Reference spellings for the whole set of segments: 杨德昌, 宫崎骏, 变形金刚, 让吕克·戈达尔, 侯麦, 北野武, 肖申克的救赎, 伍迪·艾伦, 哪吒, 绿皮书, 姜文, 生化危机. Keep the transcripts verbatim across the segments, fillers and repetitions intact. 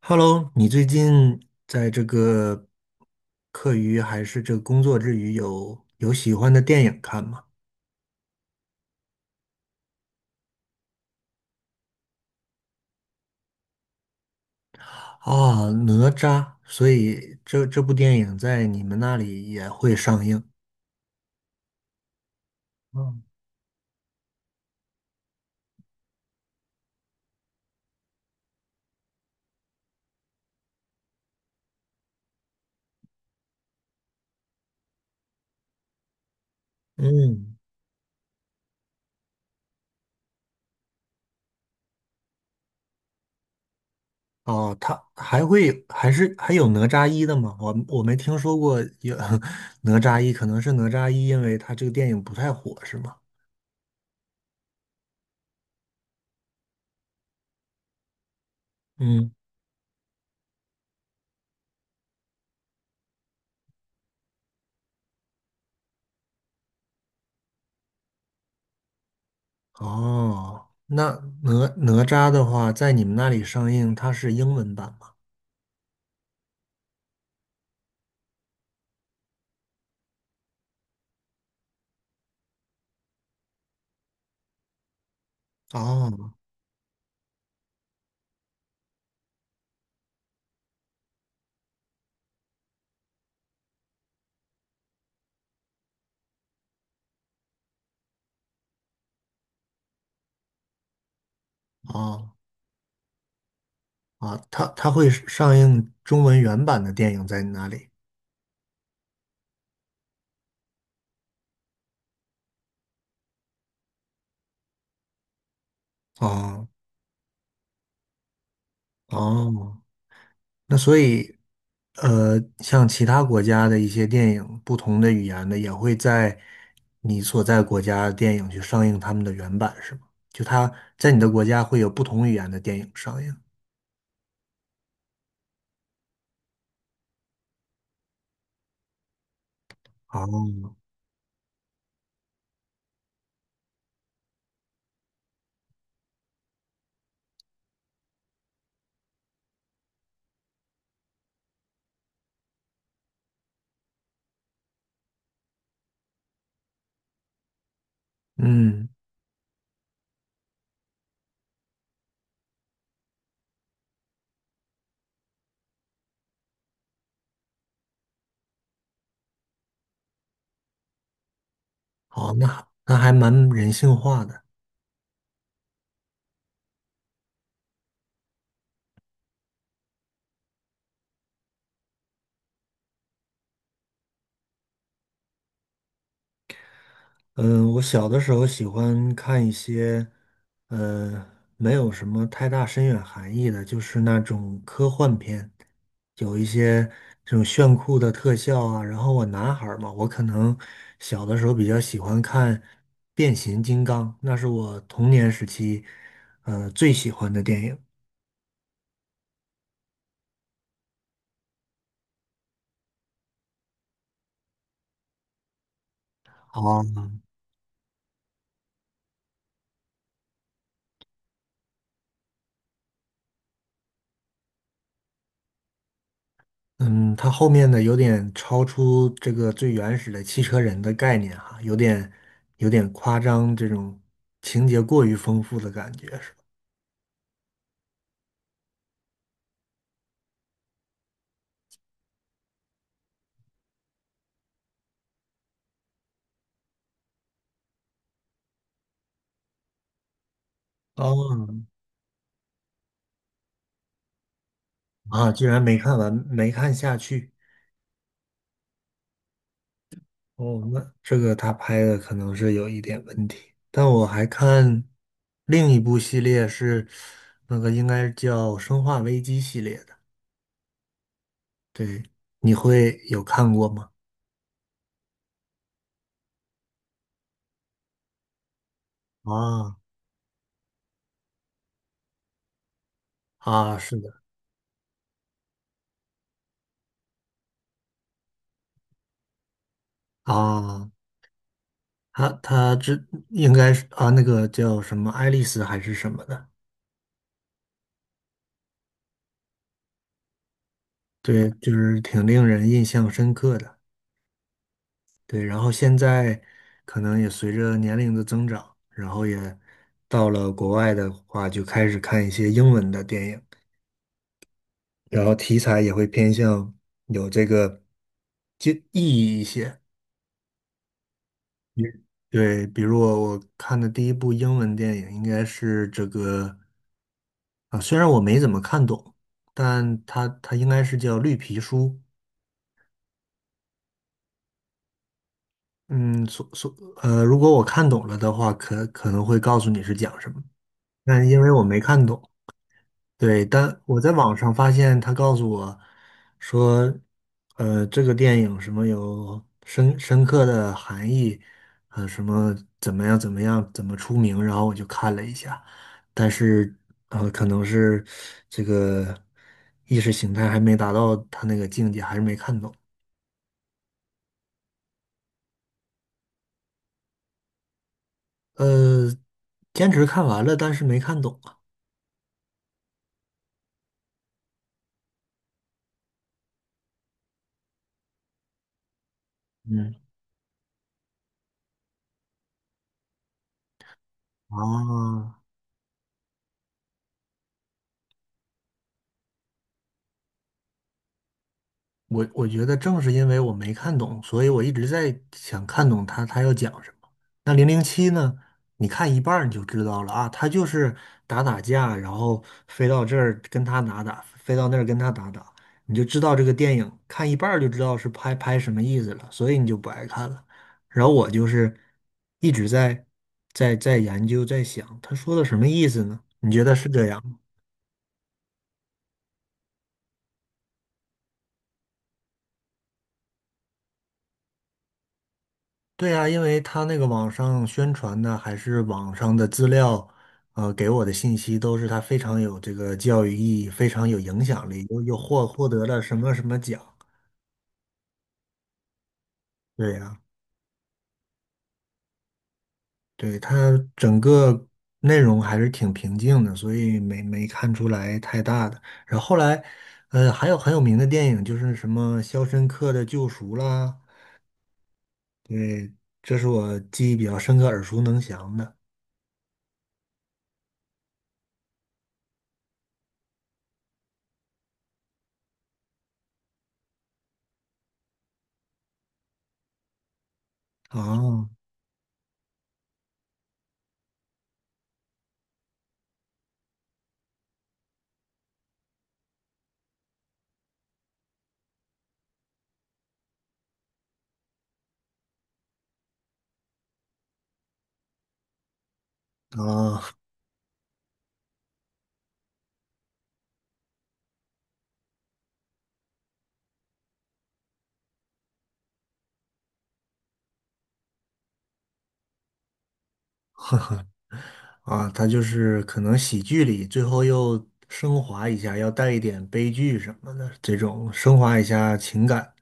Hello，你最近在这个课余还是这个工作之余有有喜欢的电影看吗？啊，哪吒，所以这这部电影在你们那里也会上映。嗯。嗯。哦，它还会有还是还有哪吒一的吗？我我没听说过有 哪吒一，可能是哪吒一，因为它这个电影不太火，是吗？嗯。哦，那哪哪吒的话，在你们那里上映，它是英文版吗？哦。哦，啊，它它会上映中文原版的电影在哪里？哦。哦，那所以，呃，像其他国家的一些电影，不同的语言的也会在你所在国家的电影去上映他们的原版，是吗？就它在你的国家会有不同语言的电影上映。哦。嗯。好，那还那还蛮人性化的。嗯，我小的时候喜欢看一些，呃，没有什么太大深远含义的，就是那种科幻片，有一些这种炫酷的特效啊。然后我男孩儿嘛，我可能小的时候比较喜欢看《变形金刚》，那是我童年时期，呃，最喜欢的电影。哦。嗯，它后面的有点超出这个最原始的汽车人的概念哈，有点有点夸张，这种情节过于丰富的感觉是吧？哦。啊，居然没看完，没看下去。哦，那这个他拍的可能是有一点问题。但我还看另一部系列是那个应该叫《生化危机》系列的，对，你会有看过吗？啊。啊，是的啊。他他这应该是啊，那个叫什么爱丽丝还是什么的，对，就是挺令人印象深刻的。对，然后现在可能也随着年龄的增长，然后也到了国外的话，就开始看一些英文的电影，然后题材也会偏向有这个就意义一些。比对，比如我我看的第一部英文电影应该是这个啊，虽然我没怎么看懂，但它它应该是叫《绿皮书》。嗯，所所呃，如果我看懂了的话，可可能会告诉你是讲什么，但因为我没看懂，对，但我在网上发现他告诉我说，呃，这个电影什么有深深刻的含义，呃，什么怎么样怎么样怎么出名，然后我就看了一下，但是呃，可能是这个意识形态还没达到他那个境界，还是没看懂。呃，坚持看完了，但是没看懂啊。嗯。啊，我我觉得正是因为我没看懂，所以我一直在想看懂他他要讲什么。那零零七呢？你看一半儿你就知道了啊，他就是打打架，然后飞到这儿跟他打打，飞到那儿跟他打打，你就知道这个电影看一半儿就知道是拍拍什么意思了，所以你就不爱看了。然后我就是一直在在在研究在想他说的什么意思呢？你觉得是这样吗？对呀，因为他那个网上宣传的还是网上的资料，呃，给我的信息都是他非常有这个教育意义，非常有影响力，又又获获得了什么什么奖。对呀，对，他整个内容还是挺平静的，所以没没看出来太大的。然后后来，呃，还有很有名的电影就是什么《肖申克的救赎》啦，对，这是我记忆比较深刻、耳熟能详的。啊。啊，啊，他就是可能喜剧里最后又升华一下，要带一点悲剧什么的，这种升华一下情感。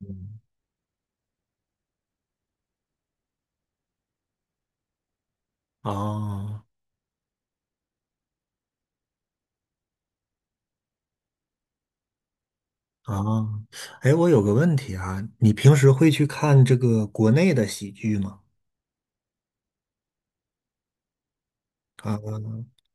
嗯。啊啊。哎，我有个问题啊，你平时会去看这个国内的喜剧吗？啊，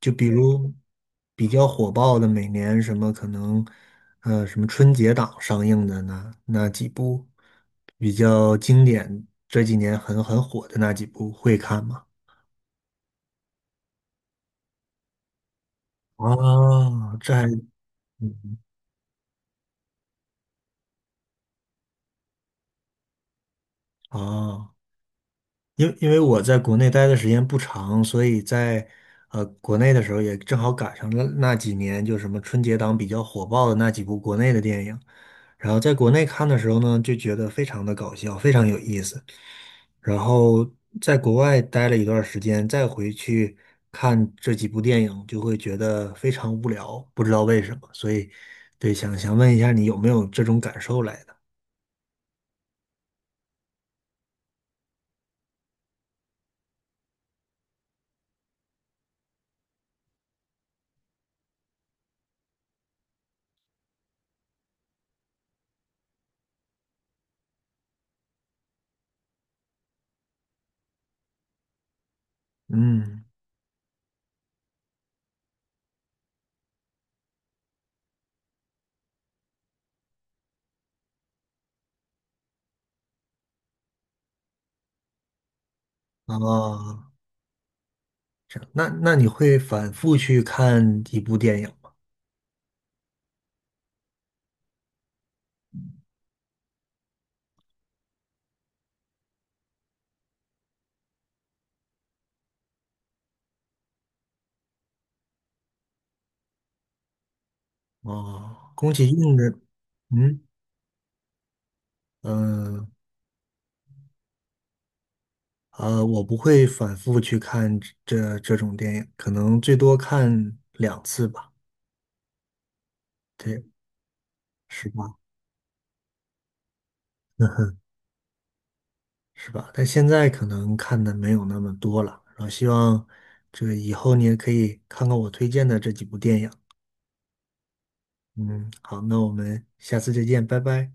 就比如比较火爆的，每年什么可能，呃，什么春节档上映的那那几部比较经典，这几年很很火的那几部会看吗？哦，这还嗯。哦，因因为我在国内待的时间不长，所以在呃国内的时候也正好赶上了那几年，就什么春节档比较火爆的那几部国内的电影，然后在国内看的时候呢，就觉得非常的搞笑，非常有意思。然后在国外待了一段时间，再回去看这几部电影，就会觉得非常无聊，不知道为什么。所以，对，想想问一下你有没有这种感受来的？嗯。啊。这样那那你会反复去看一部电影吗？哦，宫崎骏的。嗯。嗯呃，我不会反复去看这这种电影，可能最多看两次吧，对，是吧？嗯哼。是吧？但现在可能看的没有那么多了，然后希望这个以后你也可以看看我推荐的这几部电影。嗯，好，那我们下次再见，拜拜。